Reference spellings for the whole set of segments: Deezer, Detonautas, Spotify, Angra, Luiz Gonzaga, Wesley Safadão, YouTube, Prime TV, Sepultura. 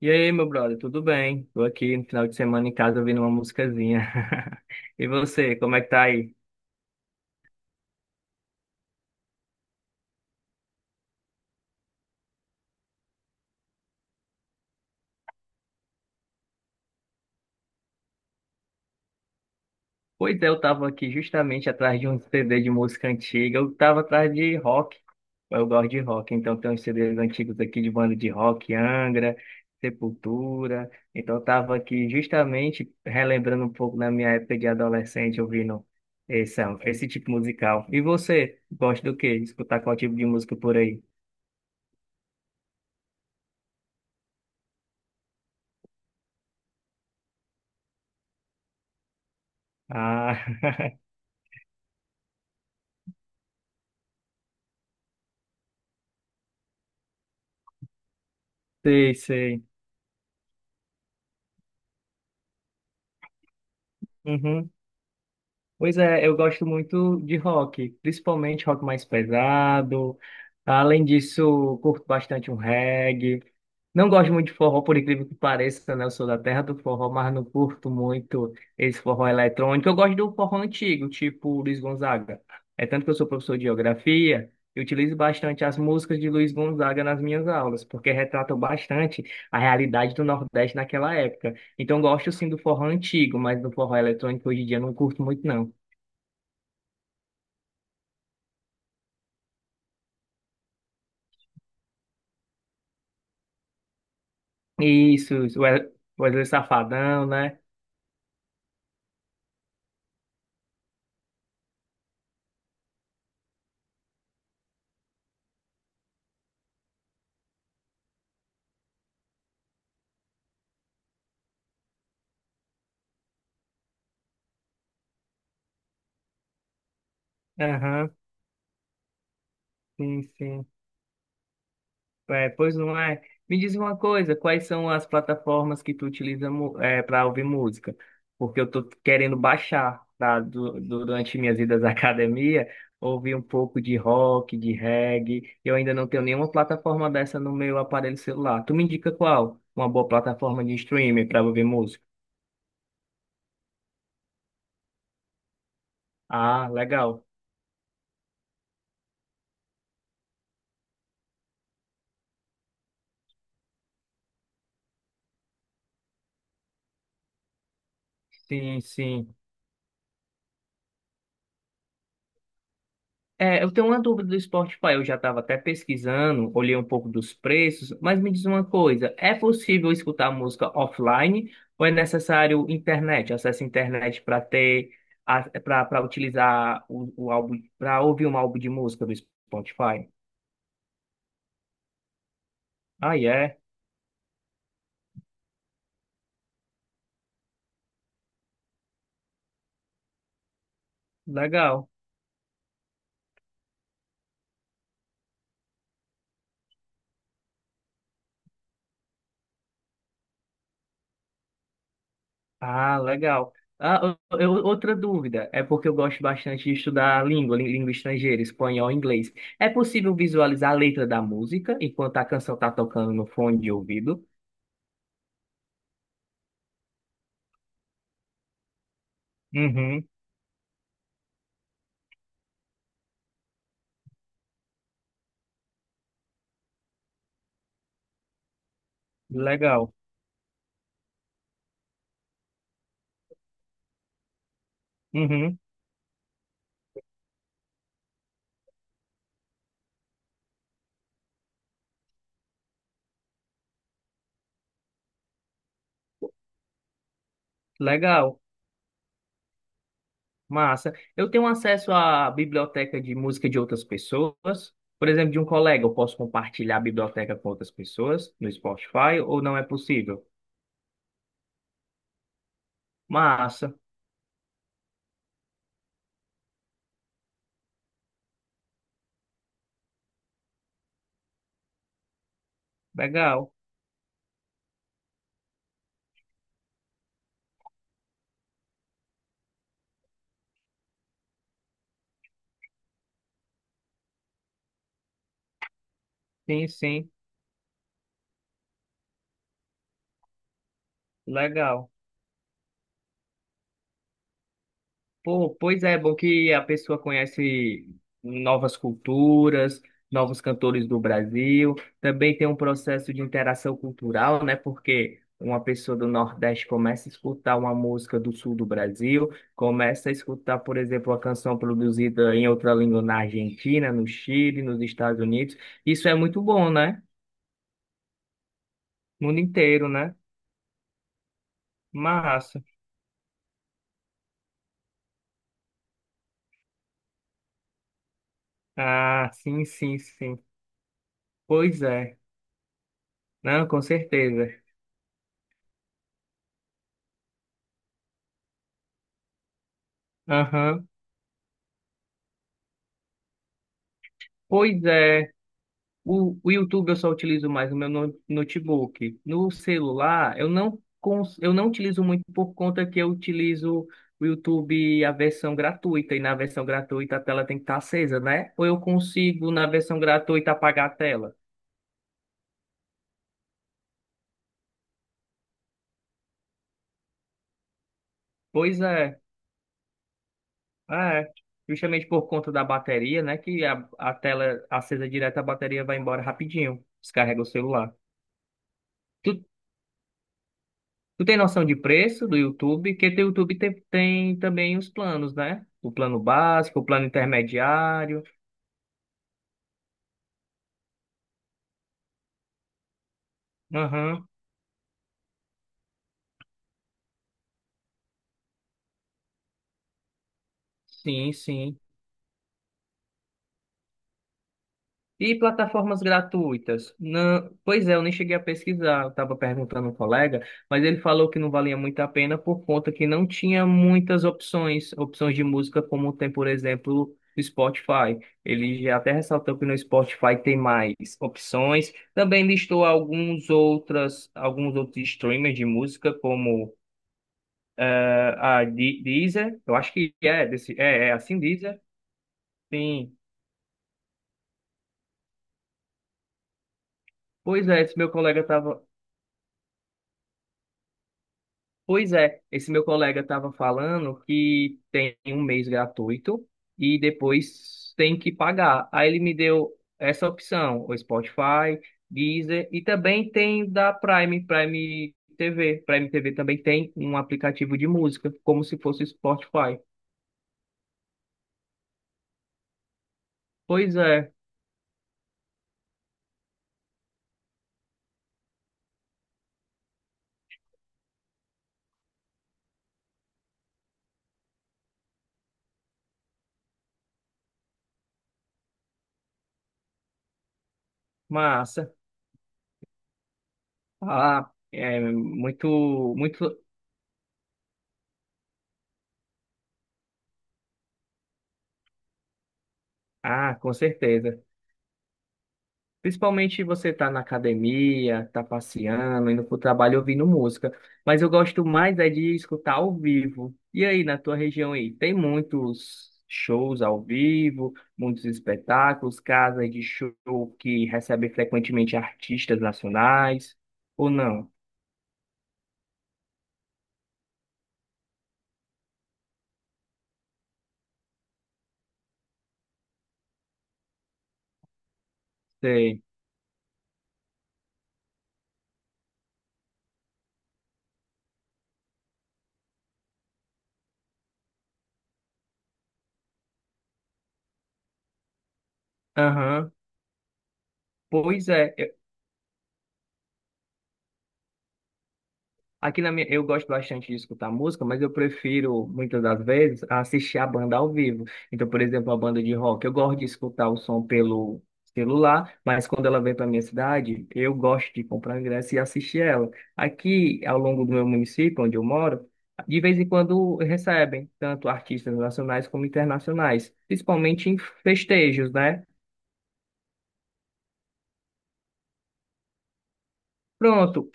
E aí, meu brother, tudo bem? Tô aqui no final de semana em casa ouvindo uma musicazinha. E você, como é que tá aí? Pois é, eu tava aqui justamente atrás de um CD de música antiga. Eu tava atrás de rock. Eu gosto de rock, então tem uns CDs antigos aqui de banda de rock, Angra, Sepultura. Então eu tava aqui justamente relembrando um pouco da minha época de adolescente ouvindo esse tipo musical. E você, gosta do quê? Escutar qual tipo de música por aí? Ah, sei, sei. Uhum. Pois é, eu gosto muito de rock, principalmente rock mais pesado. Além disso, curto bastante um reggae. Não gosto muito de forró, por incrível que pareça, né? Eu sou da terra do forró, mas não curto muito esse forró eletrônico. Eu gosto do forró antigo, tipo Luiz Gonzaga. É tanto que eu sou professor de geografia, eu utilizo bastante as músicas de Luiz Gonzaga nas minhas aulas, porque retratam bastante a realidade do Nordeste naquela época. Então, eu gosto sim do forró antigo, mas do forró eletrônico hoje em dia eu não curto muito, não. Isso, o Wesley Safadão, né? Aham, sim, sim. É, pois não é. Me diz uma coisa, quais são as plataformas que tu utiliza para ouvir música? Porque eu tô querendo baixar, tá? Durante minhas idas à academia, ouvir um pouco de rock, de reggae. Eu ainda não tenho nenhuma plataforma dessa no meu aparelho celular. Tu me indica qual? Uma boa plataforma de streaming para ouvir música? Ah, legal. Sim, sim. É, eu tenho uma dúvida do Spotify. Eu já estava até pesquisando, olhei um pouco dos preços, mas me diz uma coisa: é possível escutar música offline ou é necessário internet, acesso à internet para ter, para utilizar o álbum, para ouvir um álbum de música do Spotify? Ah, é, legal. Ah, legal. Ah, outra dúvida, é porque eu gosto bastante de estudar língua, língua estrangeira, espanhol, inglês. É possível visualizar a letra da música enquanto a canção está tocando no fone de ouvido? Uhum, legal. Uhum, legal. Massa. Eu tenho acesso à biblioteca de música de outras pessoas? Por exemplo, de um colega, eu posso compartilhar a biblioteca com outras pessoas no Spotify ou não é possível? Massa. Legal. Sim, sim. Legal. Pô, pois é, é bom que a pessoa conhece novas culturas, novos cantores do Brasil. Também tem um processo de interação cultural, né? Porque uma pessoa do Nordeste começa a escutar uma música do Sul do Brasil, começa a escutar, por exemplo, uma canção produzida em outra língua na Argentina, no Chile, nos Estados Unidos. Isso é muito bom, né? Mundo inteiro, né? Massa. Ah, sim, sim, sim. Pois é. Não, com certeza. Aham. Pois é. O YouTube eu só utilizo mais no meu notebook. No celular, eu não, eu não utilizo muito por conta que eu utilizo o YouTube a versão gratuita, e na versão gratuita a tela tem que estar acesa, né? Ou eu consigo, na versão gratuita, apagar a tela? Pois é, é. Justamente por conta da bateria, né? Que a tela acesa direto, a bateria vai embora rapidinho. Descarrega o celular. Tu, Tu tem noção de preço do YouTube? Porque o YouTube tem, tem também os planos, né? O plano básico, o plano intermediário. Aham. Sim, sim. E plataformas gratuitas? Não, pois é, eu nem cheguei a pesquisar. Eu estava perguntando a um colega, mas ele falou que não valia muito a pena por conta que não tinha muitas opções, opções de música como tem, por exemplo, o Spotify. Ele já até ressaltou que no Spotify tem mais opções. Também listou alguns outras, alguns outros streamers de música como a Deezer. Eu acho que é desse, é, é assim Deezer. Sim. Pois é, esse meu colega estava Pois é, esse meu colega estava falando que tem um mês gratuito e depois tem que pagar. Aí ele me deu essa opção, o Spotify, Deezer e também tem da Prime, Prime TV. Prime TV também tem um aplicativo de música, como se fosse o Spotify. Pois é, massa. Ah, é muito, muito. Ah, com certeza. Principalmente você tá na academia, tá passeando, indo pro trabalho ouvindo música. Mas eu gosto mais é de escutar ao vivo. E aí, na tua região aí, tem muitos shows ao vivo, muitos espetáculos, casas de show que recebem frequentemente artistas nacionais, ou não? Sei. Aham. Pois é, aqui na minha, eu gosto bastante de escutar música, mas eu prefiro, muitas das vezes, assistir a banda ao vivo. Então, por exemplo, a banda de rock, eu gosto de escutar o som pelo celular, mas quando ela vem para minha cidade, eu gosto de comprar ingresso e assistir ela. Aqui, ao longo do meu município, onde eu moro, de vez em quando recebem tanto artistas nacionais como internacionais, principalmente em festejos, né? Pronto,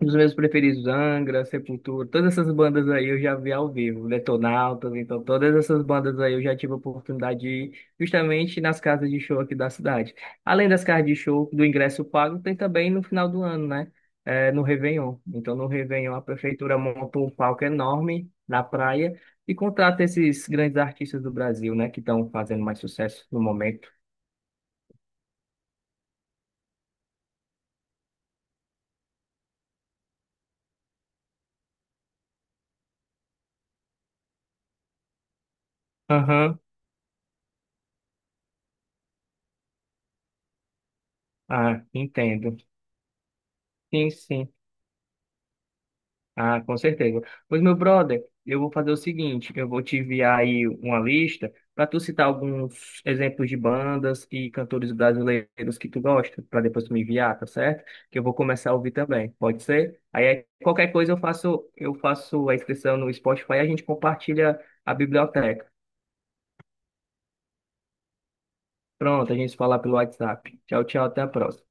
um meus preferidos, Angra, Sepultura, todas essas bandas aí eu já vi ao vivo, Detonautas, então todas essas bandas aí eu já tive a oportunidade de ir justamente nas casas de show aqui da cidade. Além das casas de show, do ingresso pago, tem também no final do ano, né? É, no Réveillon. Então no Réveillon a prefeitura monta um palco enorme na praia e contrata esses grandes artistas do Brasil, né? Que estão fazendo mais sucesso no momento. Aham, ah, entendo. Sim, sim. Ah, com certeza. Pois, meu brother, eu vou fazer o seguinte, eu vou te enviar aí uma lista para tu citar alguns exemplos de bandas e cantores brasileiros que tu gosta, para depois tu me enviar, tá certo? Que eu vou começar a ouvir também, pode ser? Qualquer coisa eu faço a inscrição no Spotify e a gente compartilha a biblioteca. Pronto, a gente se fala pelo WhatsApp. Tchau, tchau, até a próxima.